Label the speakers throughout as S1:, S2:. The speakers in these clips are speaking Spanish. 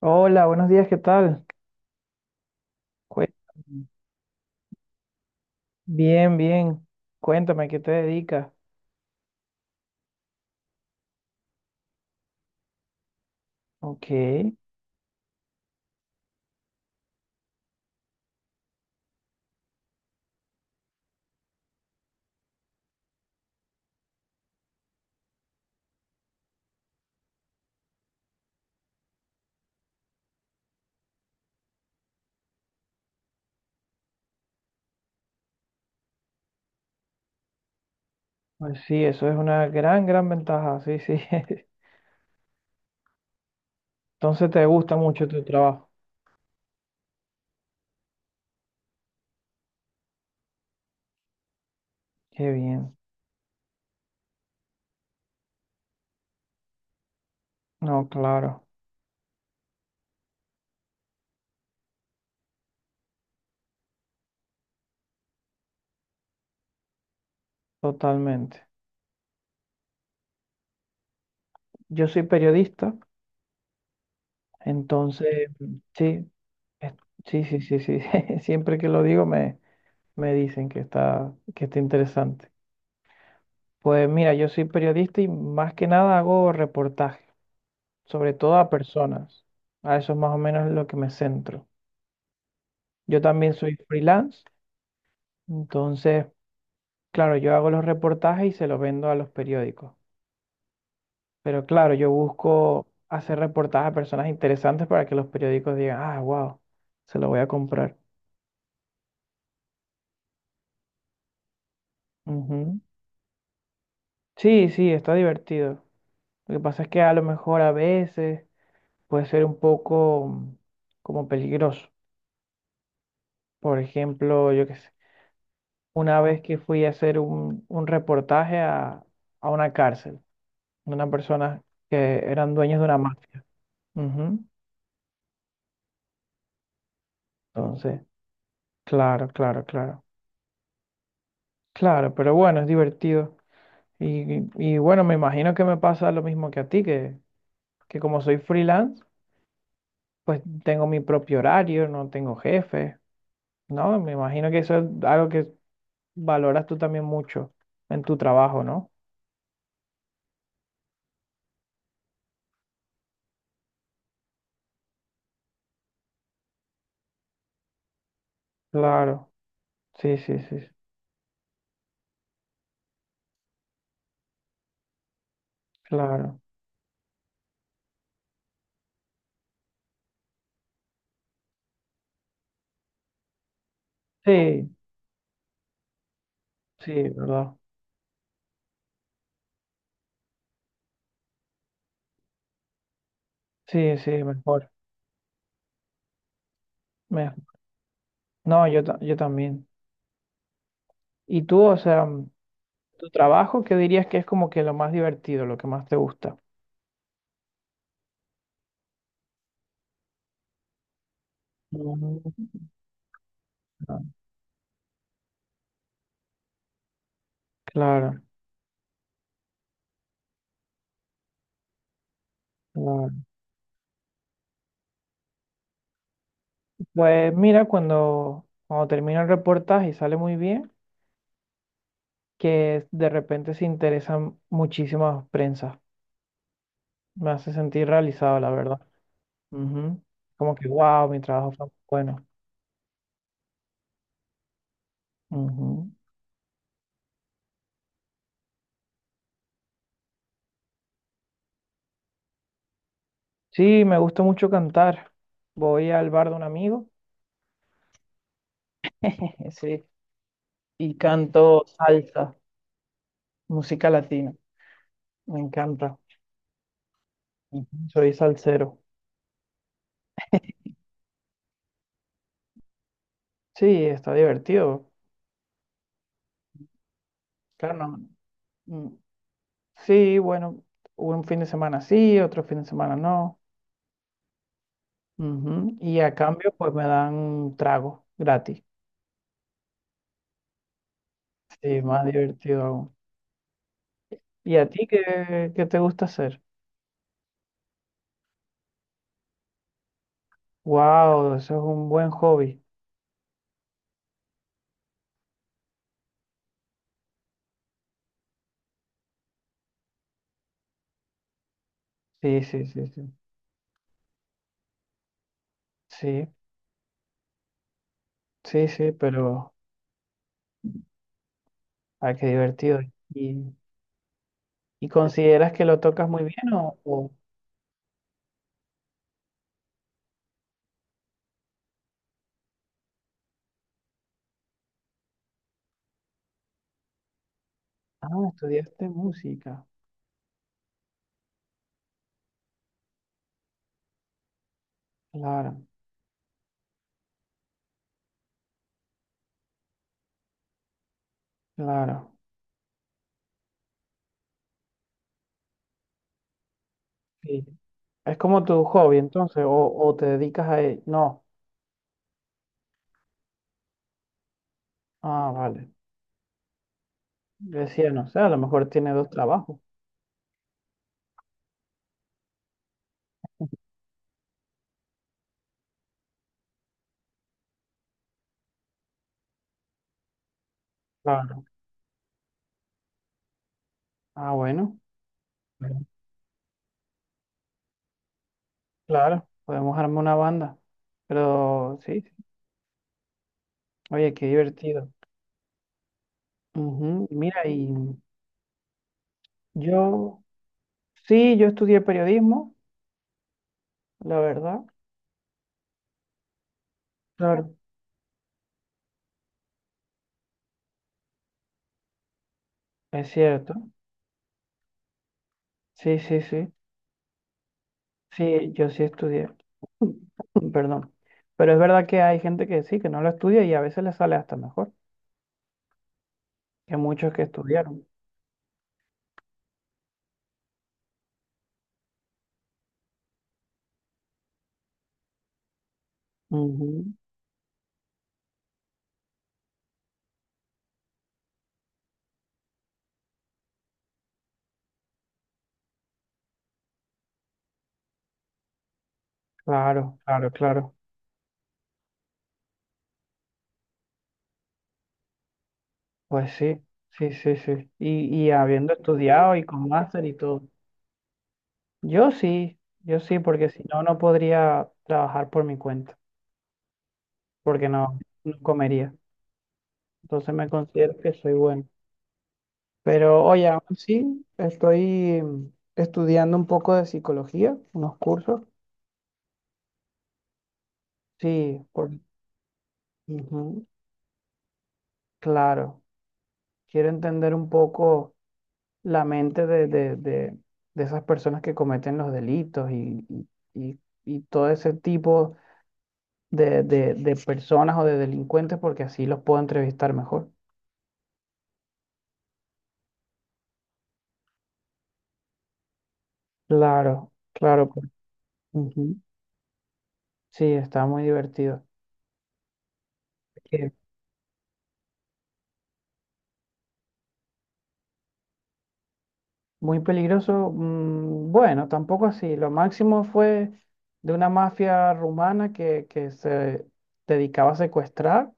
S1: Hola, buenos días, ¿qué tal? Cuéntame. Bien, bien. Cuéntame, ¿a ¿qué te dedicas? Ok, pues sí, eso es una gran, gran ventaja, sí, sí. Entonces te gusta mucho tu trabajo. Qué bien. No, claro, totalmente. Yo soy periodista, entonces, sí, es- sí, sí, sí, sí. Siempre que lo digo me dicen que está interesante. Pues mira, yo soy periodista y más que nada hago reportajes sobre todo a personas. A eso es más o menos lo que me centro. Yo también soy freelance, entonces, claro, yo hago los reportajes y se los vendo a los periódicos. Pero claro, yo busco hacer reportajes a personas interesantes para que los periódicos digan, ah, wow, se lo voy a comprar. Ujú. Sí, sí, está divertido. Lo que pasa es que a lo mejor a veces puede ser un poco como peligroso. Por ejemplo, yo qué sé. Una vez que fui a hacer un reportaje a una cárcel, de unas personas que eran dueños de una mafia. Ujú. Entonces, claro, claro, claro. Claro, pero bueno, es divertido. Y bueno, me imagino que me pasa lo mismo que a ti, que como soy freelance, pues tengo mi propio horario, no tengo jefe, ¿no? Me imagino que eso es algo que valoras tú también mucho en tu trabajo, ¿no? Claro, sí, sí, sí, sí, claro. Sí, sí, ¿verdad? Sí, sí, mejor. me- No, yo, yo también. ¿Y tú, o sea, tu trabajo, qué dirías que es como que lo más divertido, lo que más te gusta? Mm, Claro, claro. Pues mira, cuando, cuando termina el reportaje y sale muy bien, que de repente se interesan muchísimas prensas. Me hace sentir realizado, la verdad. Ujú. Como que, wow, mi trabajo fue muy bueno. Ujú. Sí, me gusta mucho cantar. Voy al bar de un amigo. Sí y canto salsa, música latina. Me encanta. Ujú. Soy salsero. Sí, está divertido. Claro, no. mm, Sí, bueno, un fin de semana sí, otro fin de semana no. Ujú, y a cambio, pues me dan trago gratis. Sí, más divertido aún. ¿Y a ti qué, qué te gusta hacer? Wow, eso es un buen hobby. Sí, sí, sí, sí. Sí, sí, sí, pero ay, qué divertido. ¿Y, y consideras que lo tocas muy bien o? Ah, estudiaste música. Claro, claro. Sí. Es como tu hobby, entonces, o te dedicas a él. No. Ah, vale. Yo decía, no sé, a lo mejor tiene dos trabajos. Claro. Ah, bueno. Bueno. Claro, podemos armar una banda. Pero sí, sí. Oye, qué divertido. Ujú. Mira, y yo, sí, yo estudié periodismo, la verdad. Claro. Es cierto. Sí, sí, sí. Sí, yo sí estudié, perdón. Pero es verdad que hay gente que sí, que no lo estudia y a veces le sale hasta mejor que muchos que estudiaron. Ujú. Claro, claro, claro. Pues sí, sí, sí, sí. Y habiendo estudiado y con máster y todo. Yo sí, yo sí, porque si no, no podría trabajar por mi cuenta, porque no, no comería. Entonces me considero que soy bueno. Pero oye, aún sí, estoy estudiando un poco de psicología, unos cursos. Sí, por, ujú, claro. Quiero entender un poco la mente de de esas personas que cometen los delitos y y todo ese tipo de de- personas o de delincuentes, porque así los puedo entrevistar mejor. Claro, claro. Pues, ujú. Sí, está muy divertido. Eh, Muy peligroso. Bueno, tampoco así. Lo máximo fue de una mafia rumana que se dedicaba a secuestrar.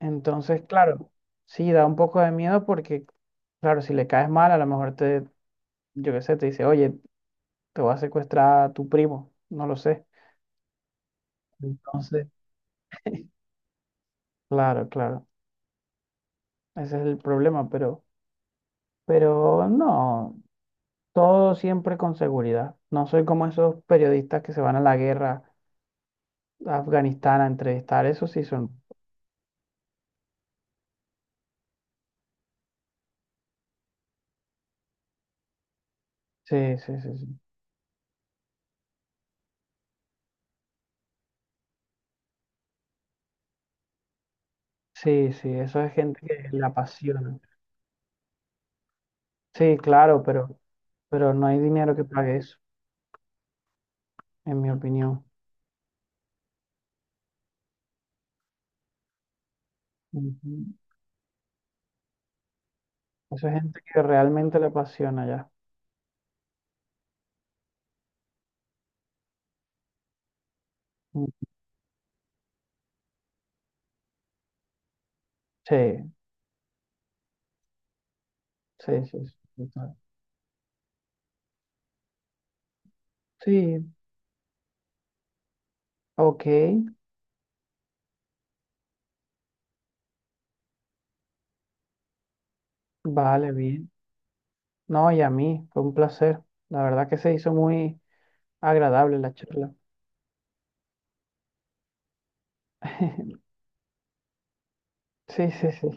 S1: Entonces, claro, sí, da un poco de miedo porque, claro, si le caes mal, a lo mejor yo qué sé, te dice, oye, te va a secuestrar tu primo, no lo sé. Entonces, claro, claro, ese es el problema, pero no, todo siempre con seguridad. No soy como esos periodistas que se van a la guerra a Afganistán a entrevistar, eso sí son. Sí, sí, sí, sí. Sí, sí, eso es gente que le apasiona. Sí, claro, pero no hay dinero que pague eso, en mi opinión. Ujú. Eso es gente que realmente le apasiona ya. Mm. Sí, sí, sí. Sí, total. Sí, ok, vale, bien. No, y a mí, fue un placer. La verdad que se hizo muy agradable la charla. Sí, sí, sí.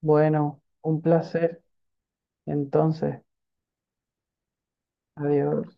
S1: Bueno, un placer. Entonces, adiós.